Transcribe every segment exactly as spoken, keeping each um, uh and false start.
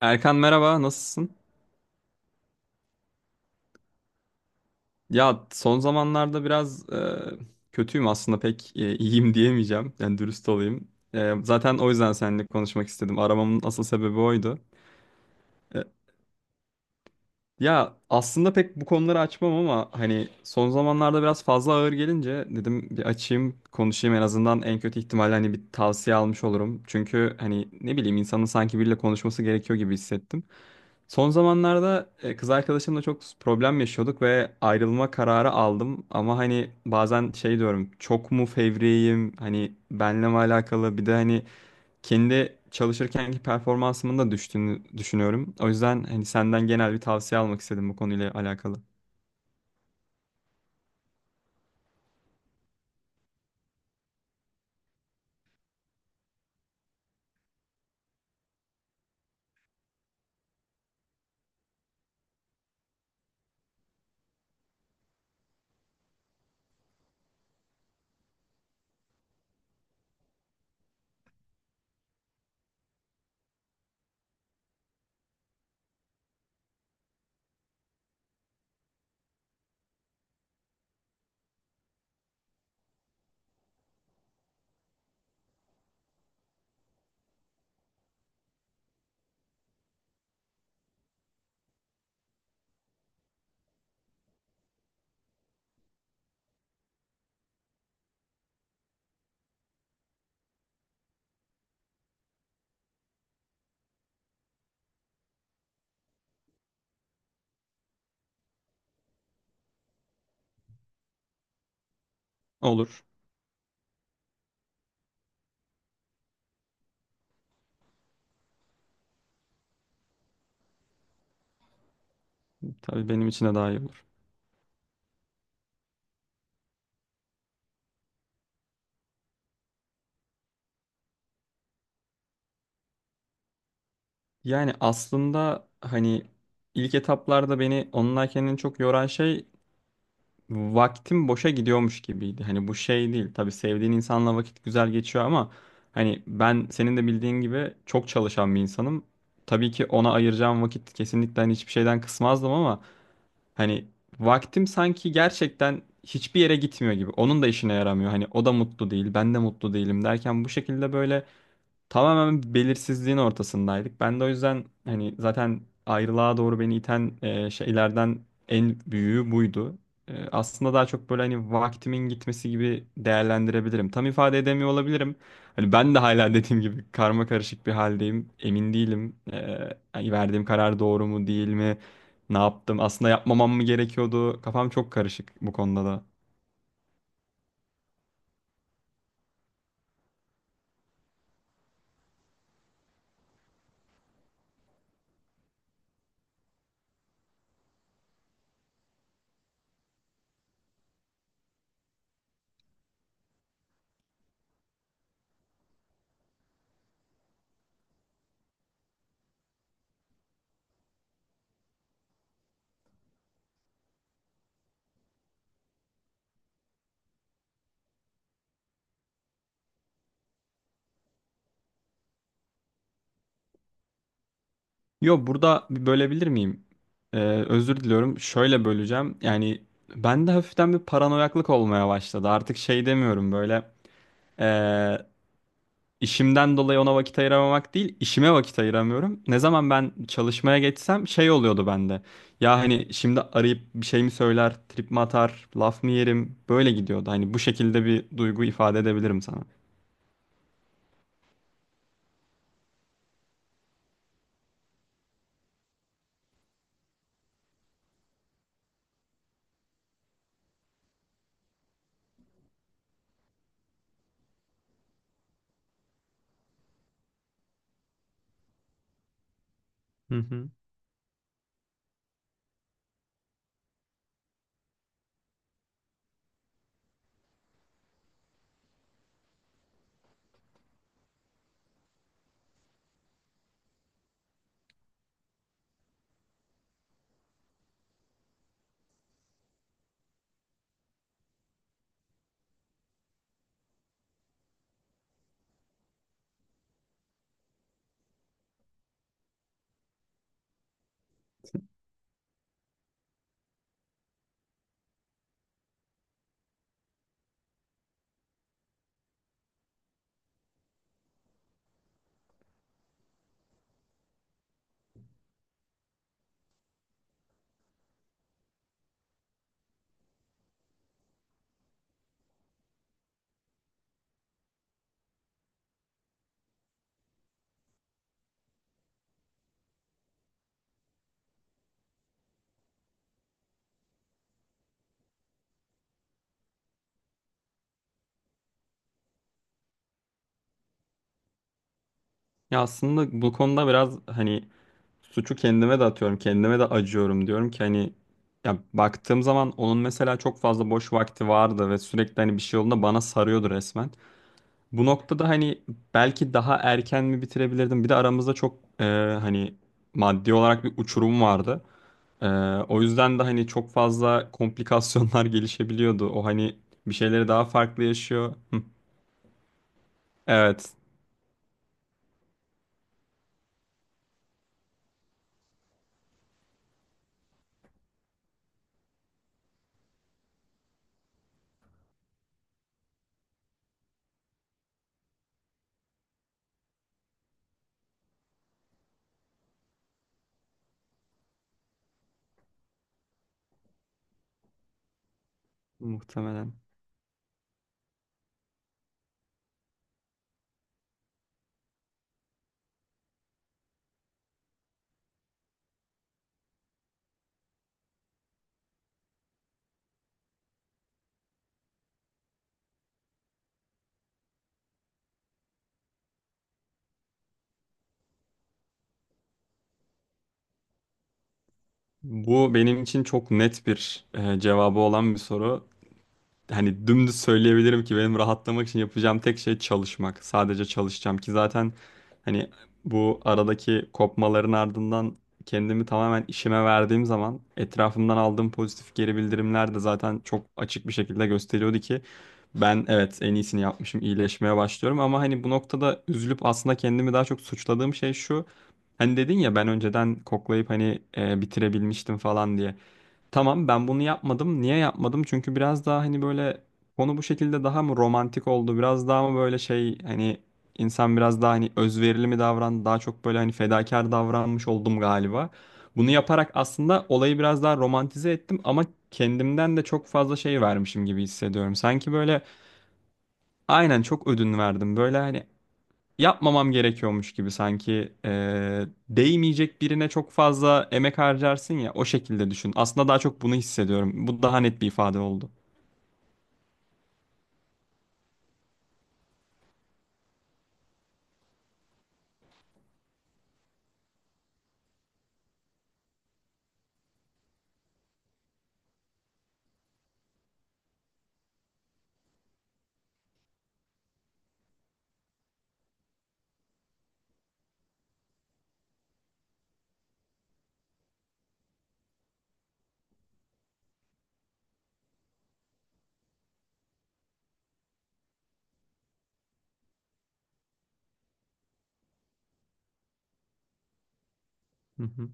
Erkan merhaba, nasılsın? Ya son zamanlarda biraz e, kötüyüm aslında pek e, iyiyim diyemeyeceğim. Yani dürüst olayım. E, zaten o yüzden seninle konuşmak istedim. Aramamın asıl sebebi oydu. E, Ya aslında pek bu konuları açmam ama hani son zamanlarda biraz fazla ağır gelince dedim bir açayım konuşayım en azından en kötü ihtimalle hani bir tavsiye almış olurum. Çünkü hani ne bileyim insanın sanki biriyle konuşması gerekiyor gibi hissettim. Son zamanlarda e, kız arkadaşımla çok problem yaşıyorduk ve ayrılma kararı aldım. Ama hani bazen şey diyorum çok mu fevriyim hani benle mi alakalı bir de hani kendi çalışırkenki performansımın da düştüğünü düşünüyorum. O yüzden hani senden genel bir tavsiye almak istedim bu konuyla alakalı. Olur. Tabii benim için de daha iyi olur. Yani aslında hani ilk etaplarda beni onunla kendini çok yoran şey vaktim boşa gidiyormuş gibiydi. Hani bu şey değil. Tabii sevdiğin insanla vakit güzel geçiyor ama hani ben senin de bildiğin gibi çok çalışan bir insanım. Tabii ki ona ayıracağım vakit kesinlikle hani hiçbir şeyden kısmazdım ama hani vaktim sanki gerçekten hiçbir yere gitmiyor gibi. Onun da işine yaramıyor. Hani o da mutlu değil, ben de mutlu değilim derken bu şekilde böyle tamamen belirsizliğin ortasındaydık. Ben de o yüzden hani zaten ayrılığa doğru beni iten e, şeylerden en büyüğü buydu. E, aslında daha çok böyle hani vaktimin gitmesi gibi değerlendirebilirim. Tam ifade edemiyor olabilirim. Hani ben de hala dediğim gibi karma karışık bir haldeyim. Emin değilim. E, hani verdiğim karar doğru mu değil mi? Ne yaptım? Aslında yapmamam mı gerekiyordu? Kafam çok karışık bu konuda da. Yo, burada bir bölebilir miyim? Ee, Özür diliyorum. Şöyle böleceğim. Yani bende hafiften bir paranoyaklık olmaya başladı. Artık şey demiyorum böyle ee, işimden dolayı ona vakit ayıramamak değil, işime vakit ayıramıyorum. Ne zaman ben çalışmaya geçsem şey oluyordu bende. Ya hani şimdi arayıp bir şey mi söyler, trip mi atar, laf mı yerim? Böyle gidiyordu. Hani bu şekilde bir duygu ifade edebilirim sana. Hı hı. Ya aslında bu konuda biraz hani suçu kendime de atıyorum, kendime de acıyorum, diyorum ki hani ya baktığım zaman onun mesela çok fazla boş vakti vardı ve sürekli hani bir şey olduğunda bana sarıyordu resmen. Bu noktada hani belki daha erken mi bitirebilirdim? Bir de aramızda çok e, hani maddi olarak bir uçurum vardı. E, O yüzden de hani çok fazla komplikasyonlar gelişebiliyordu. O hani bir şeyleri daha farklı yaşıyor. Hı, evet, muhtemelen. Bu benim için çok net bir e, cevabı olan bir soru. Hani dümdüz söyleyebilirim ki benim rahatlamak için yapacağım tek şey çalışmak. Sadece çalışacağım ki zaten hani bu aradaki kopmaların ardından kendimi tamamen işime verdiğim zaman etrafımdan aldığım pozitif geri bildirimler de zaten çok açık bir şekilde gösteriyordu ki ben evet en iyisini yapmışım, iyileşmeye başlıyorum, ama hani bu noktada üzülüp aslında kendimi daha çok suçladığım şey şu. Hani dedin ya ben önceden koklayıp hani e, bitirebilmiştim falan diye. Tamam, ben bunu yapmadım. Niye yapmadım? Çünkü biraz daha hani böyle konu bu şekilde daha mı romantik oldu? Biraz daha mı böyle şey hani insan biraz daha hani özverili mi davrandı? Daha çok böyle hani fedakar davranmış oldum galiba. Bunu yaparak aslında olayı biraz daha romantize ettim ama kendimden de çok fazla şey vermişim gibi hissediyorum. Sanki böyle aynen çok ödün verdim. Böyle hani yapmamam gerekiyormuş gibi, sanki eee, değmeyecek birine çok fazla emek harcarsın ya, o şekilde düşün. Aslında daha çok bunu hissediyorum. Bu daha net bir ifade oldu. Hı hı.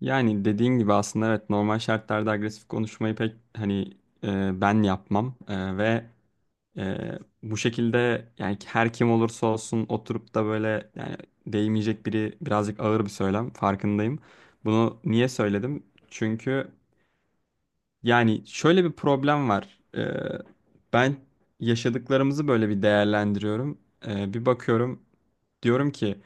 Yani dediğin gibi aslında evet, normal şartlarda agresif konuşmayı pek hani eee, ben yapmam. Eee, ve eee, bu şekilde yani her kim olursa olsun oturup da böyle, yani değmeyecek biri, birazcık ağır bir söylem farkındayım. Bunu niye söyledim? Çünkü yani şöyle bir problem var. Ee, ben yaşadıklarımızı böyle bir değerlendiriyorum. Ee, bir bakıyorum, diyorum ki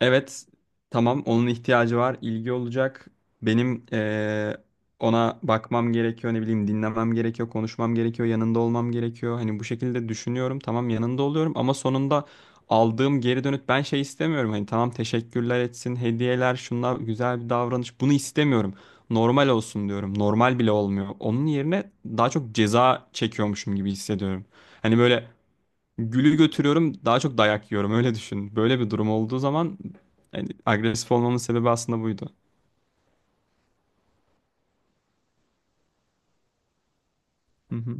evet, tamam onun ihtiyacı var, ilgi olacak. Benim eee, ona bakmam gerekiyor, ne bileyim dinlemem gerekiyor, konuşmam gerekiyor, yanında olmam gerekiyor. Hani bu şekilde düşünüyorum, tamam yanında oluyorum ama sonunda aldığım geri dönüt, ben şey istemiyorum. Hani tamam teşekkürler etsin, hediyeler, şunlar güzel bir davranış, bunu istemiyorum. Normal olsun diyorum. Normal bile olmuyor. Onun yerine daha çok ceza çekiyormuşum gibi hissediyorum. Hani böyle gülü götürüyorum daha çok dayak yiyorum, öyle düşün. Böyle bir durum olduğu zaman yani agresif olmamın sebebi aslında buydu. Hı hı,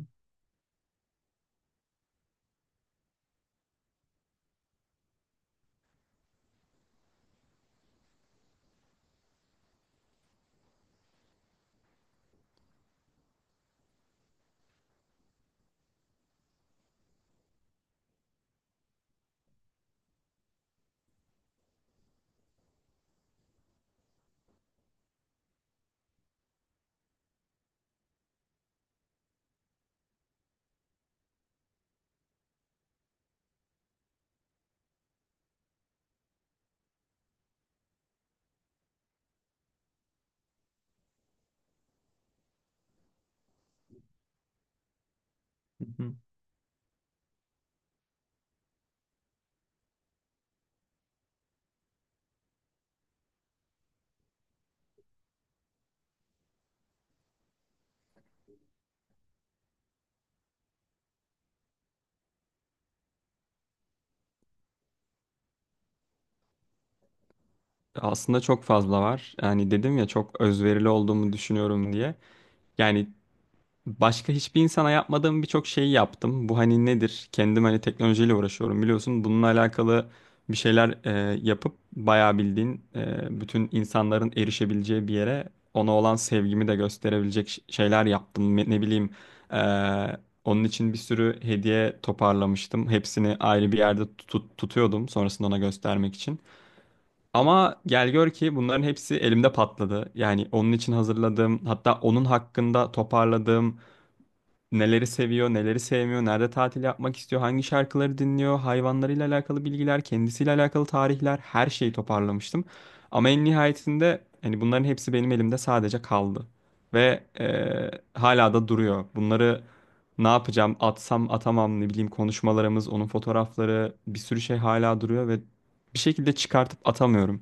hı hı. Aslında çok fazla var. Yani dedim ya çok özverili olduğumu düşünüyorum diye. Yani başka hiçbir insana yapmadığım birçok şeyi yaptım. Bu hani nedir? Kendim hani teknolojiyle uğraşıyorum biliyorsun. Bununla alakalı bir şeyler e, yapıp bayağı bildiğin e, bütün insanların erişebileceği bir yere ona olan sevgimi de gösterebilecek ş- şeyler yaptım. Ne ne bileyim, e, onun için bir sürü hediye toparlamıştım. Hepsini ayrı bir yerde tut- tutuyordum sonrasında ona göstermek için. Ama gel gör ki bunların hepsi elimde patladı. Yani onun için hazırladığım, hatta onun hakkında toparladığım, neleri seviyor, neleri sevmiyor, nerede tatil yapmak istiyor, hangi şarkıları dinliyor, hayvanlarıyla alakalı bilgiler, kendisiyle alakalı tarihler, her şeyi toparlamıştım. Ama en nihayetinde hani bunların hepsi benim elimde sadece kaldı. Ve eee, hala da duruyor. Bunları ne yapacağım, atsam atamam, ne bileyim konuşmalarımız, onun fotoğrafları, bir sürü şey hala duruyor ve bir şekilde çıkartıp atamıyorum.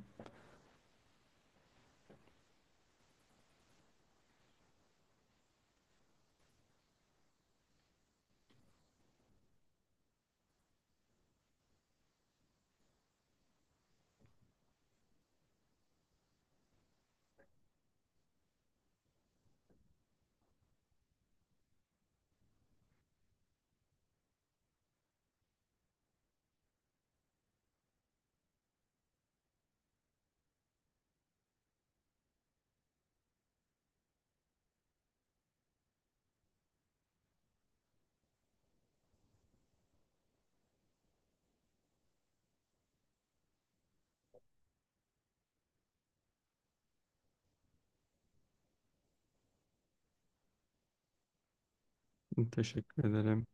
Teşekkür ederim.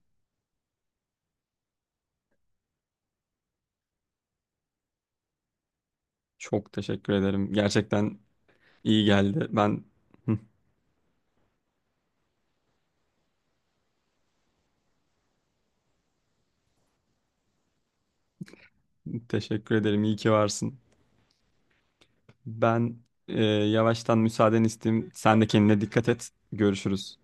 Çok teşekkür ederim. Gerçekten iyi geldi. Ben teşekkür ederim. İyi ki varsın. Ben e, yavaştan müsaaden isteyeyim. Sen de kendine dikkat et. Görüşürüz.